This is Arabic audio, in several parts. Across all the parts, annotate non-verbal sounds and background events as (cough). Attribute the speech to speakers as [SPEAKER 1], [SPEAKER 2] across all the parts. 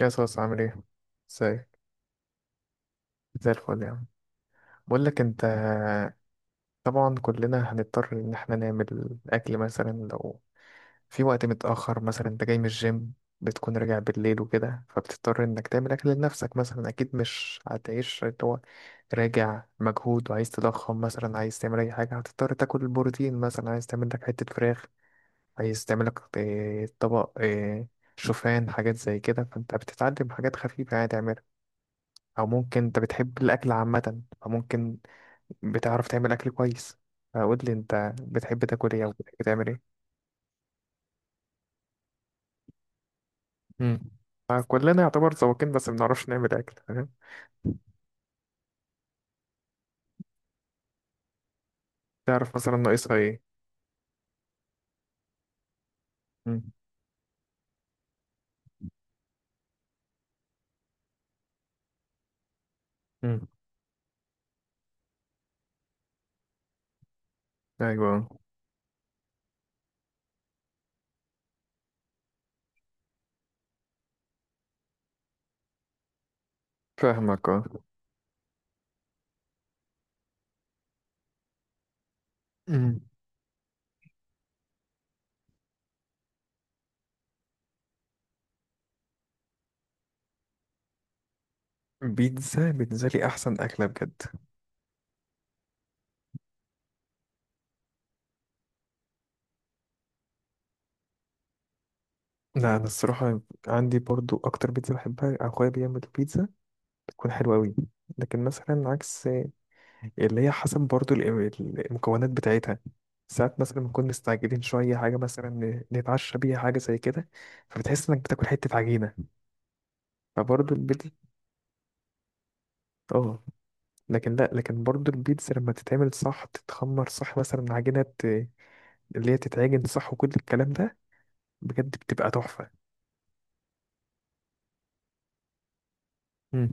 [SPEAKER 1] يا صوص عامل ايه؟ ازيك؟ زي الفل يا عم. بقول لك انت، طبعا كلنا هنضطر ان احنا نعمل اكل مثلا لو في وقت متأخر، مثلا انت جاي من الجيم بتكون راجع بالليل وكده، فبتضطر انك تعمل اكل لنفسك. مثلا اكيد مش هتعيش اللي هو راجع مجهود وعايز تضخم، مثلا عايز تعمل اي حاجة هتضطر تاكل البروتين، مثلا عايز تعمل لك حتة فراخ، عايز تعمل لك إيه، طبق شوفان، حاجات زي كده. فانت بتتعلم حاجات خفيفة يعني تعملها، او ممكن انت بتحب الاكل عامه فممكن بتعرف تعمل اكل كويس. فقول لي انت بتحب تاكل ايه او بتحب تعمل ايه. مم. كلنا يعتبر ذواقين بس ما بنعرفش نعمل اكل، فاهم. تعرف مثلا ناقصها ايه. مم. مم. ايوه. فاهمك اه. مم. بيتزا بالنسبه لي احسن اكله بجد. لا، انا الصراحه عندي برضو اكتر بيتزا بحبها اخويا بيعمل بيتزا بتكون حلوه قوي. لكن مثلا عكس، اللي هي حسب برضو المكونات بتاعتها. ساعات مثلا بنكون مستعجلين شوية، حاجة مثلا نتعشى بيها، حاجة زي كده، فبتحس إنك بتاكل حتة عجينة. فبرضو البيتزا، اه. لكن لأ، لكن برضو البيتزا لما تتعمل صح، تتخمر صح، مثلا اللي هي تتعجن صح وكل الكلام ده، بجد بتبقى تحفة. مم.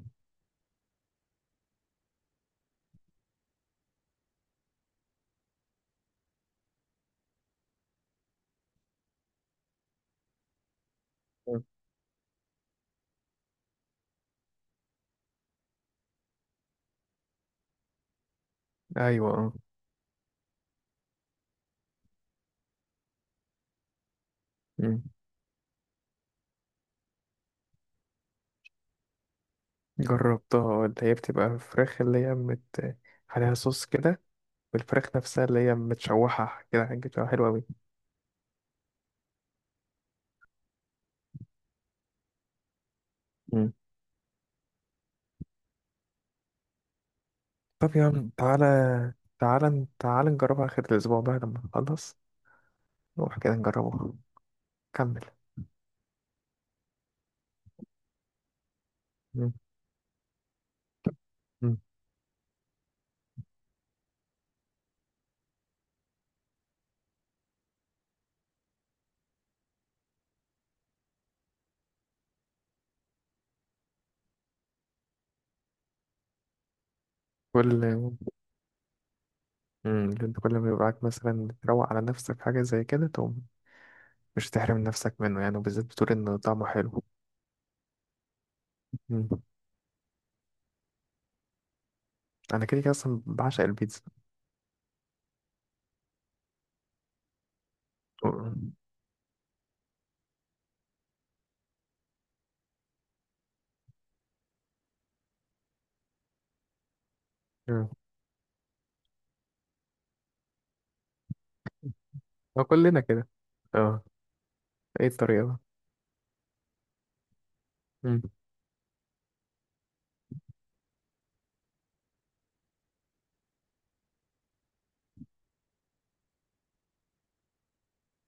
[SPEAKER 1] مم. أيوة اه. مم. جربتها اللي هي بتبقى فراخ، اللي هي عليها صوص كده، والفراخ نفسها اللي هي متشوحة كده، حاجة بتبقى حلوة أوي. طب يا عم، تعالى تعالى تعالى نجربها آخر الأسبوع بقى لما نخلص، نروح كده نجربها. كمل. مم. مم. كل. مم. انت كل ما يبقى معاك مثلا تروق على نفسك حاجة زي كده، تقوم مش تحرم نفسك منه يعني، وبالذات بتقول إن طعمه حلو. مم. أنا كده كده أصلا بعشق البيتزا. مم. مم. أه كلنا كده. اه. ايه الطريقة بقى؟ مم.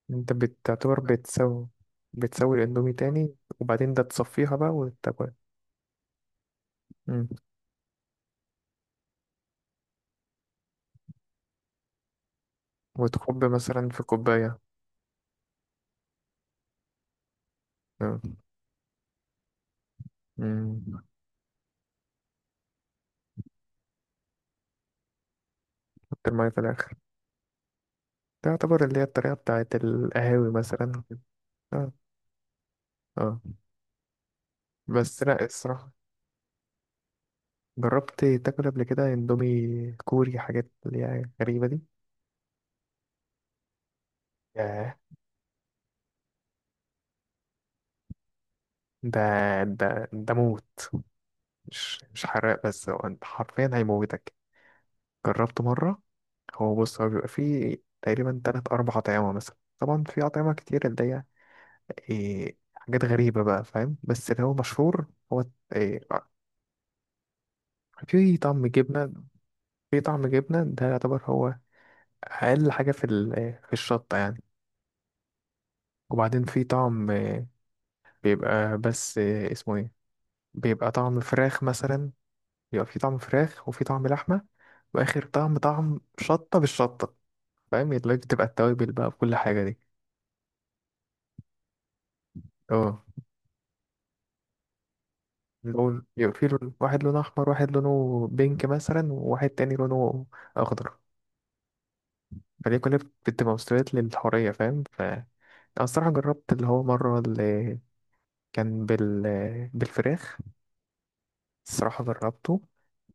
[SPEAKER 1] انت بتعتبر بتسوي، بتسوي الاندومي تاني، وبعدين ده تصفيها بقى وتاكل. مم. وتكب مثلا في كوباية، آه. مم. حط المية في الآخر، تعتبر اللي هي الطريقة بتاعت القهاوي مثلا وكده. اه. اه. بس لا الصراحة، جربت تاكل قبل كده اندومي كوري، حاجات اللي هي غريبة دي. ياه، ده ده موت، مش حراق بس، هو انت حرفيا هيموتك. جربته مرة، هو بص هو بيبقى فيه تقريبا تلات أربع أطعمة، مثلا طبعا في أطعمة كتير اللي هي إيه، حاجات غريبة بقى، فاهم. بس اللي هو مشهور هو إيه، في طعم جبنة، في طعم جبنة ده يعتبر هو أقل حاجة في في الشطة يعني. وبعدين في طعم بيبقى بس اسمه ايه، بيبقى طعم فراخ مثلا، بيبقى في طعم فراخ وفي طعم لحمة، وآخر طعم طعم شطة بالشطة، فاهم، اللي هي بتبقى التوابل بقى بكل حاجة دي. اه. لون يبقى، في لون واحد لونه أحمر، واحد لونه بينك مثلا، وواحد تاني لونه أخضر. فدي كلها بتبقى مستويات للحورية، فاهم. ف أنا الصراحة جربت اللي هو مرة كان بالفراخ. الصراحة جربته،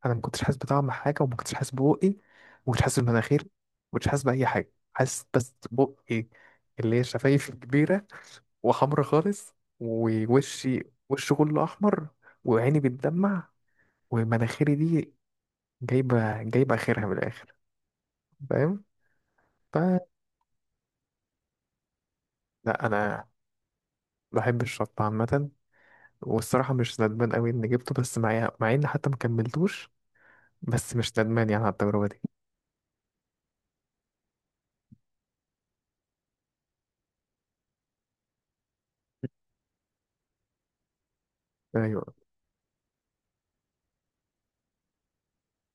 [SPEAKER 1] أنا ما كنتش حاسس بطعم حاجة، وما كنتش حاسس ببقي، وما كنتش حاسس بمناخيري، ما كنتش حاسس بأي حاجة، حاسس بس بقي اللي هي شفايفي كبيرة وحمرا خالص، ووشي، وشي كله أحمر، وعيني بتدمع، ومناخيري دي جايبة جايبة آخرها من الآخر، فاهم؟ ف- لا أنا بحب الشطة عامة، والصراحة مش ندمان أوي إني جبته، بس مع إني حتى ما كملتوش، بس مش ندمان يعني على التجربة دي. ايوه،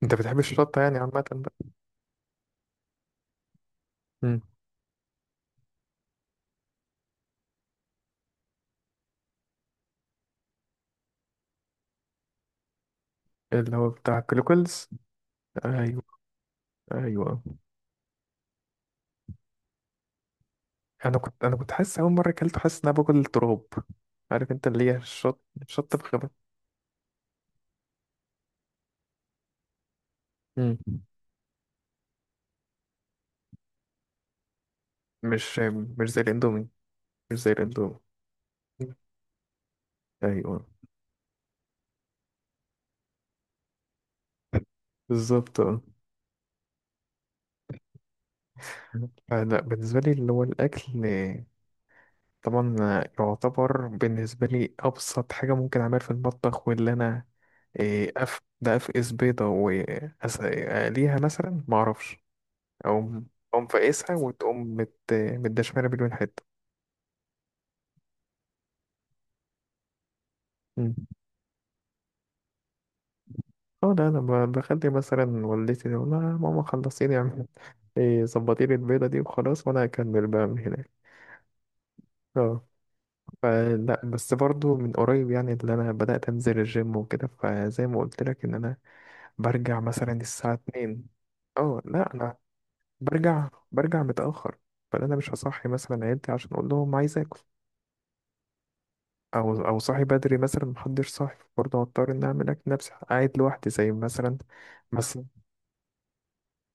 [SPEAKER 1] انت بتحب الشطه يعني عامه بقى. مم. اللي هو بتاع كلوكلز. ايوه. ايوه. انا كنت حاسس، اول مره اكلته حاسس ان انا باكل تراب، عارف انت اللي هي الشط، شطه بخبط. مم. مش مش زي الاندومي، مش زي الاندومي. ايوه. بالظبط اه. لا بالنسبه لي اللي هو الاكل، طبعا يعتبر بالنسبة لي أبسط حاجة ممكن أعملها في المطبخ، واللي أنا إيه، أف ده أفقس بيضة وأقليها مثلا، معرفش، أقوم أقوم فاقسها وتقوم متدشملة مليون حتة. مم. اه ده أنا بخلي مثلا والدتي، تقول لها ماما خلصي لي اعمل- إيه، ظبطي لي البيضة دي وخلاص، وأنا هكمل بقى من هناك. اه. فلا بس برضو من قريب يعني، اللي أنا بدأت أنزل الجيم وكده، فزي ما قلت لك إن أنا برجع مثلا الساعة اتنين. اه لا انا برجع متأخر، فانا مش هصحي مثلا عيلتي عشان اقول لهم عايز اكل، او صاحي بدري مثلا محدش صاحي، برضه هضطر ان اعمل اكل نفسي قاعد لوحدي زي مثلا. بس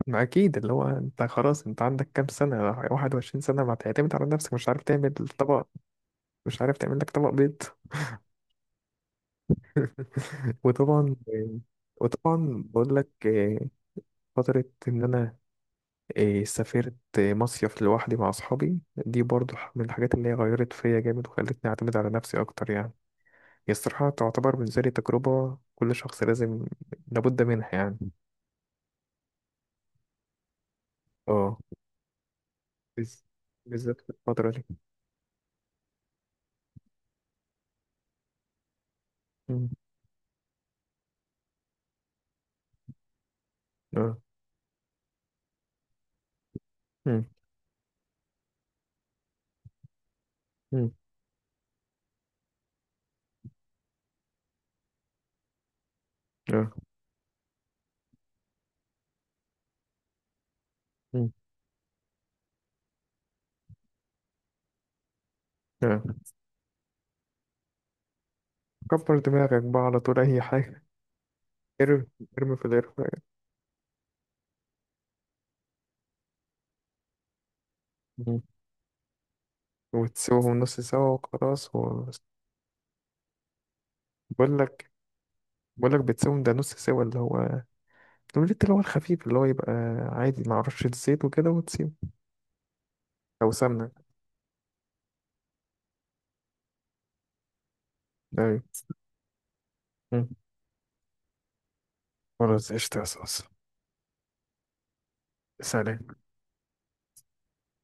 [SPEAKER 1] ما اكيد اللي هو انت خلاص، انت عندك كام سنة، 21 سنة، ما تعتمد على نفسك، مش عارف تعمل طبق، مش عارف تعمل لك طبق بيض. (laughs) وطبعا، وطبعا بقول لك فترة ان انا سافرت مصيف لوحدي مع أصحابي، دي برضو من الحاجات اللي هي غيرت فيا جامد وخلتني أعتمد على نفسي أكتر يعني. هي الصراحة تعتبر بالنسبة لي تجربة كل شخص لازم، لابد منها يعني. اه بز- بالذات في الفترة دي. مم. اه. مم. مم. اه. مم. اه. كبر دماغك بقى على طول أي حاجة. ارمي، ارمي في الإرفاق. وتسيبهم نص سوا وخلاص و... بقول لك بقول لك بتسيبهم ده نص سوا، اللي هو الأومليت اللي هو الخفيف، اللي هو يبقى عادي مع رشة زيت وكده وتسيبه. أو سمنة. أيوة. مم. خلاص قشطة يا صوص. سلام.